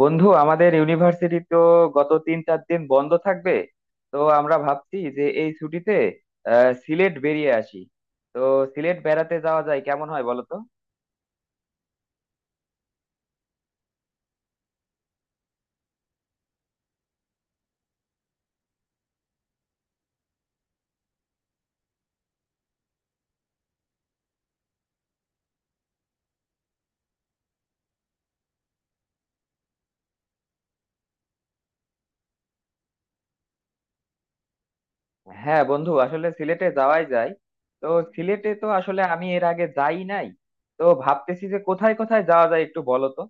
বন্ধু, আমাদের ইউনিভার্সিটি তো গত 3-4 দিন বন্ধ থাকবে। তো আমরা ভাবছি যে এই ছুটিতে সিলেট বেরিয়ে আসি। তো সিলেট বেড়াতে যাওয়া যায়, কেমন হয় বলো তো? হ্যাঁ বন্ধু, আসলে সিলেটে যাওয়াই যায়। তো সিলেটে তো আসলে আমি এর আগে যাই নাই। তো ভাবতেছি যে কোথায় কোথায় যাওয়া যায়, একটু বলো তো।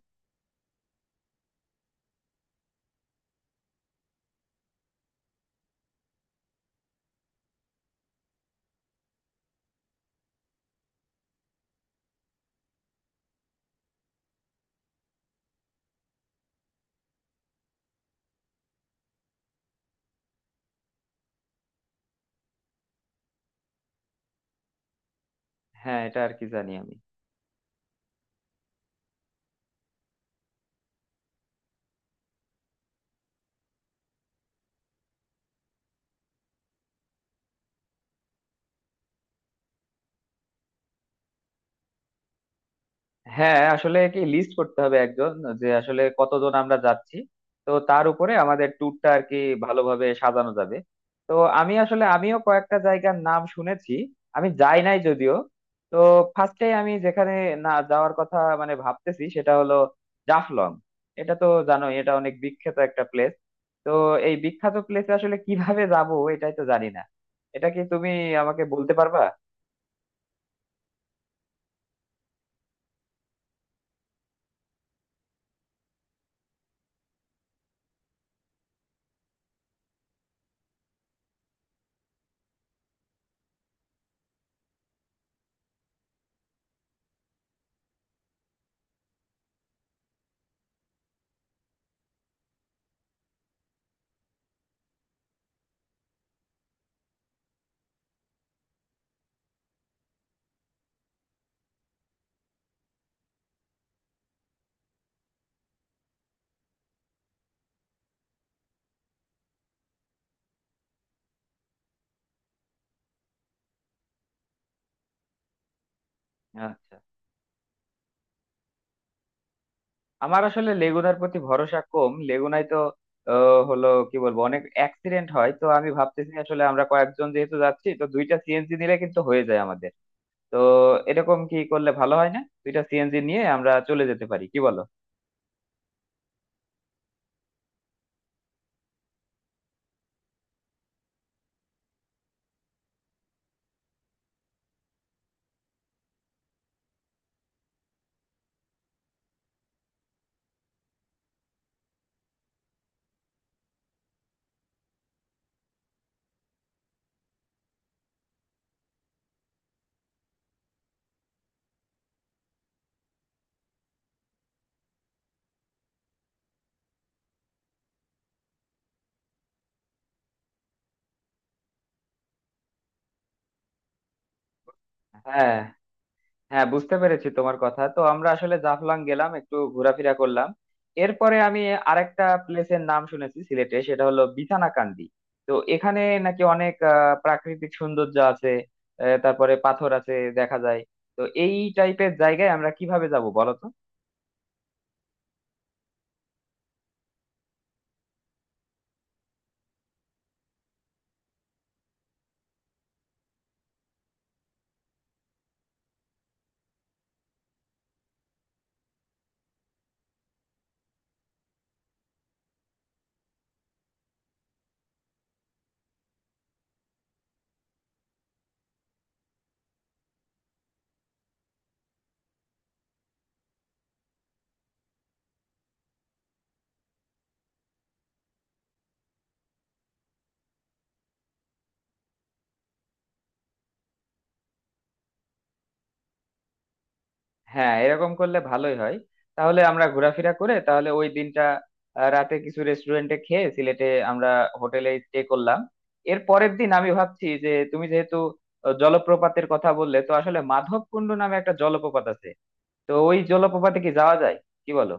হ্যাঁ, এটা আর কি জানি আমি। হ্যাঁ আসলে কি, লিস্ট করতে হবে একজন, যে আসলে কতজন আমরা যাচ্ছি। তো তার উপরে আমাদের ট্যুরটা আর কি ভালোভাবে সাজানো যাবে। তো আমি আসলে আমিও কয়েকটা জায়গার নাম শুনেছি, আমি যাই নাই যদিও। তো ফার্স্টে আমি যেখানে না যাওয়ার কথা মানে ভাবতেছি সেটা হলো জাফলং। এটা তো জানোই, এটা অনেক বিখ্যাত একটা প্লেস। তো এই বিখ্যাত প্লেসে আসলে কিভাবে যাব এটাই তো জানি না। এটা কি তুমি আমাকে বলতে পারবা? আচ্ছা, আমার আসলে লেগুনার প্রতি ভরসা কম। লেগুনায় তো হলো কি বলবো, অনেক অ্যাক্সিডেন্ট হয়। তো আমি ভাবতেছি আসলে আমরা কয়েকজন যেহেতু যাচ্ছি তো দুইটা সিএনজি নিলে কিন্তু হয়ে যায় আমাদের। তো এরকম কি করলে ভালো হয় না, দুইটা সিএনজি নিয়ে আমরা চলে যেতে পারি, কি বলো? হ্যাঁ হ্যাঁ, বুঝতে পেরেছি তোমার কথা। তো আমরা আসলে জাফলং গেলাম, একটু ঘোরাফেরা করলাম। এরপরে আমি আরেকটা প্লেসের নাম শুনেছি সিলেটে, সেটা হলো বিছানাকান্দি। তো এখানে নাকি অনেক প্রাকৃতিক সৌন্দর্য আছে। তারপরে পাথর আছে, দেখা যায়। তো এই টাইপের জায়গায় আমরা কিভাবে যাব বলো তো। হ্যাঁ এরকম করলে ভালোই হয়। তাহলে আমরা ঘোরাফেরা করে তাহলে ওই দিনটা রাতে কিছু রেস্টুরেন্টে খেয়ে সিলেটে আমরা হোটেলে স্টে করলাম। এর পরের দিন আমি ভাবছি যে তুমি যেহেতু জলপ্রপাতের কথা বললে, তো আসলে মাধবকুণ্ড নামে একটা জলপ্রপাত আছে। তো ওই জলপ্রপাতে কি যাওয়া যায়, কি বলো?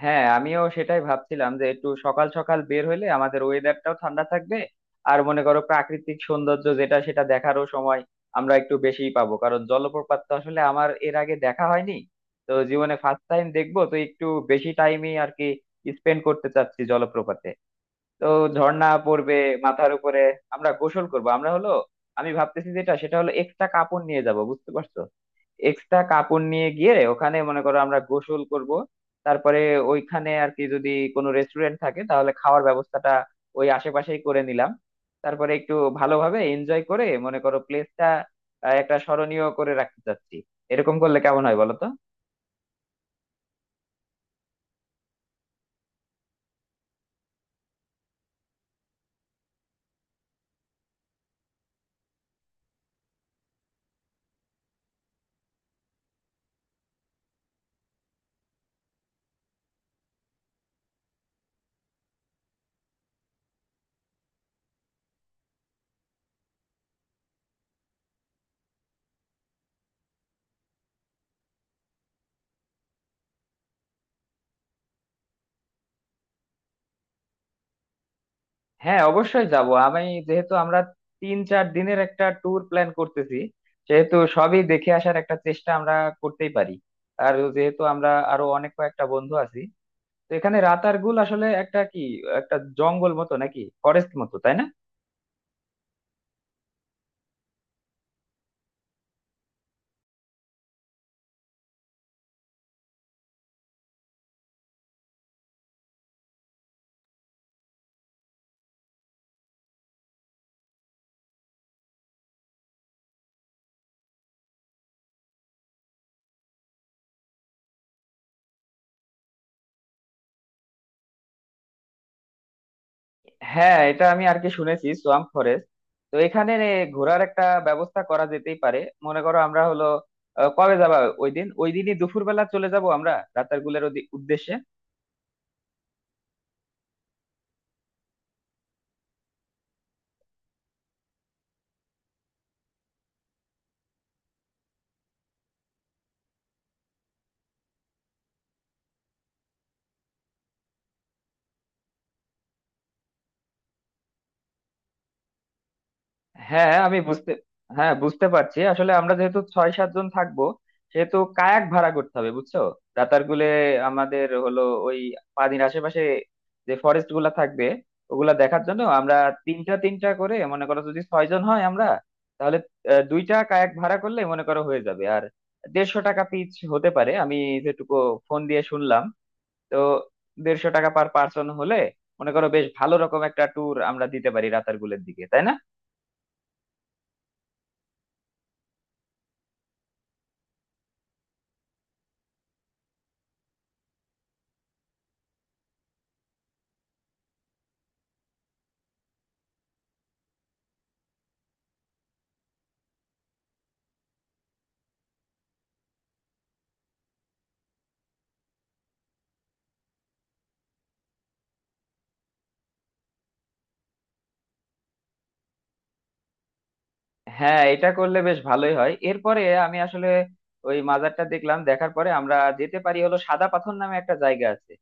হ্যাঁ, আমিও সেটাই ভাবছিলাম যে একটু সকাল সকাল বের হইলে আমাদের ওয়েদারটাও ঠান্ডা থাকবে। আর মনে করো প্রাকৃতিক সৌন্দর্য যেটা সেটা দেখারও সময় আমরা একটু বেশিই পাবো, কারণ জলপ্রপাত তো আসলে আমার এর আগে দেখা হয়নি। তো জীবনে ফার্স্ট টাইম দেখবো তো একটু বেশি টাইমই আর কি স্পেন্ড করতে চাচ্ছি জলপ্রপাতে। তো ঝর্ণা পড়বে মাথার উপরে, আমরা গোসল করব। আমরা হলো, আমি ভাবতেছি যেটা সেটা হলো এক্সট্রা কাপড় নিয়ে যাব, বুঝতে পারছো? এক্সট্রা কাপড় নিয়ে গিয়ে ওখানে মনে করো আমরা গোসল করব। তারপরে ওইখানে আর কি যদি কোনো রেস্টুরেন্ট থাকে তাহলে খাওয়ার ব্যবস্থাটা ওই আশেপাশেই করে নিলাম। তারপরে একটু ভালোভাবে এনজয় করে মনে করো প্লেসটা একটা স্মরণীয় করে রাখতে চাচ্ছি। এরকম করলে কেমন হয় বলো তো? হ্যাঁ অবশ্যই যাব আমি। যেহেতু আমরা 3-4 দিনের একটা ট্যুর প্ল্যান করতেছি সেহেতু সবই দেখে আসার একটা চেষ্টা আমরা করতেই পারি। আর যেহেতু আমরা আরো অনেক কয়েকটা বন্ধু আছি, তো এখানে রাতারগুল আসলে একটা কি, একটা জঙ্গল মতো নাকি ফরেস্ট মতো, তাই না? হ্যাঁ এটা আমি আর কি শুনেছি সোয়াম্প ফরেস্ট। তো এখানে ঘোরার একটা ব্যবস্থা করা যেতেই পারে। মনে করো আমরা হলো কবে যাবা ওই দিন, ওই দিনই দুপুরবেলা চলে যাব আমরা রাতারগুলের উদ্দেশ্যে। হ্যাঁ হ্যাঁ, আমি বুঝতে, হ্যাঁ বুঝতে পারছি। আসলে আমরা যেহেতু ছয় সাতজন থাকবো সেহেতু কায়াক ভাড়া করতে হবে, বুঝছো, রাতারগুলে। আমাদের হলো ওই পানির আশেপাশে যে ফরেস্ট গুলা থাকবে ওগুলা দেখার জন্য আমরা তিনটা তিনটা করে মনে করো, যদি 6 জন হয় আমরা, তাহলে দুইটা কায়াক ভাড়া করলে মনে করো হয়ে যাবে। আর 150 টাকা পিচ হতে পারে আমি যেটুকু ফোন দিয়ে শুনলাম। তো 150 টাকা পার পার্সন হলে মনে করো বেশ ভালো রকম একটা ট্যুর আমরা দিতে পারি রাতারগুলের দিকে, তাই না? হ্যাঁ এটা করলে বেশ ভালোই হয়। এরপরে আমি আসলে ওই মাজারটা দেখলাম। দেখার পরে আমরা যেতে পারি হলো সাদা পাথর নামে একটা জায়গা আছে।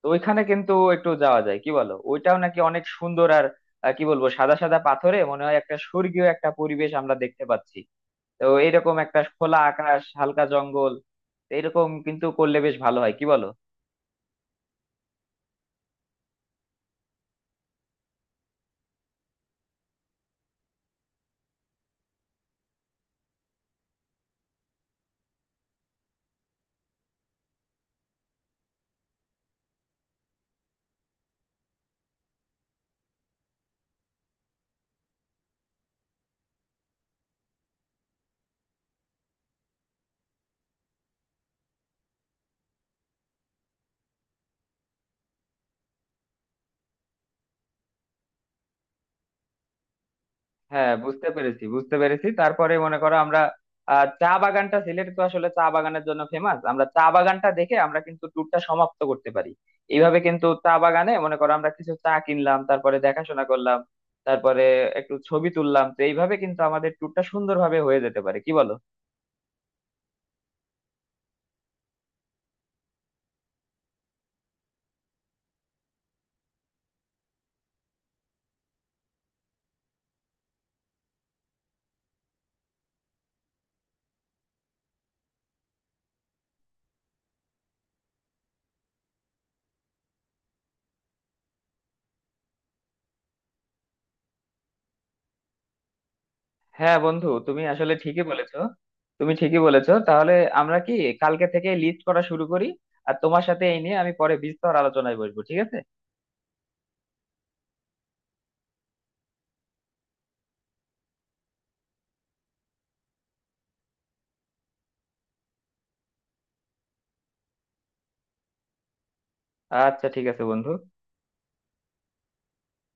তো ওইখানে কিন্তু একটু যাওয়া যায় কি বলো, ওইটাও নাকি অনেক সুন্দর। আর কি বলবো, সাদা সাদা পাথরে মনে হয় একটা স্বর্গীয় একটা পরিবেশ আমরা দেখতে পাচ্ছি। তো এইরকম একটা খোলা আকাশ, হালকা জঙ্গল, তো এরকম কিন্তু করলে বেশ ভালো হয়, কি বলো? হ্যাঁ বুঝতে পেরেছি বুঝতে পেরেছি। তারপরে মনে করো আমরা চা বাগানটা, সিলেট তো আসলে চা বাগানের জন্য ফেমাস, আমরা চা বাগানটা দেখে আমরা কিন্তু ট্যুরটা সমাপ্ত করতে পারি। এইভাবে কিন্তু চা বাগানে মনে করো আমরা কিছু চা কিনলাম, তারপরে দেখাশোনা করলাম, তারপরে একটু ছবি তুললাম। তো এইভাবে কিন্তু আমাদের ট্যুরটা সুন্দরভাবে হয়ে যেতে পারে, কি বলো? হ্যাঁ বন্ধু, তুমি আসলে ঠিকই বলেছো। তুমি ঠিকই বলেছো। তাহলে আমরা কি কালকে থেকে লিস্ট করা শুরু করি? আর তোমার সাথে এই নিয়ে আমি পরে বিস্তর আলোচনায় বসবো, ঠিক আছে? আচ্ছা ঠিক আছে বন্ধু।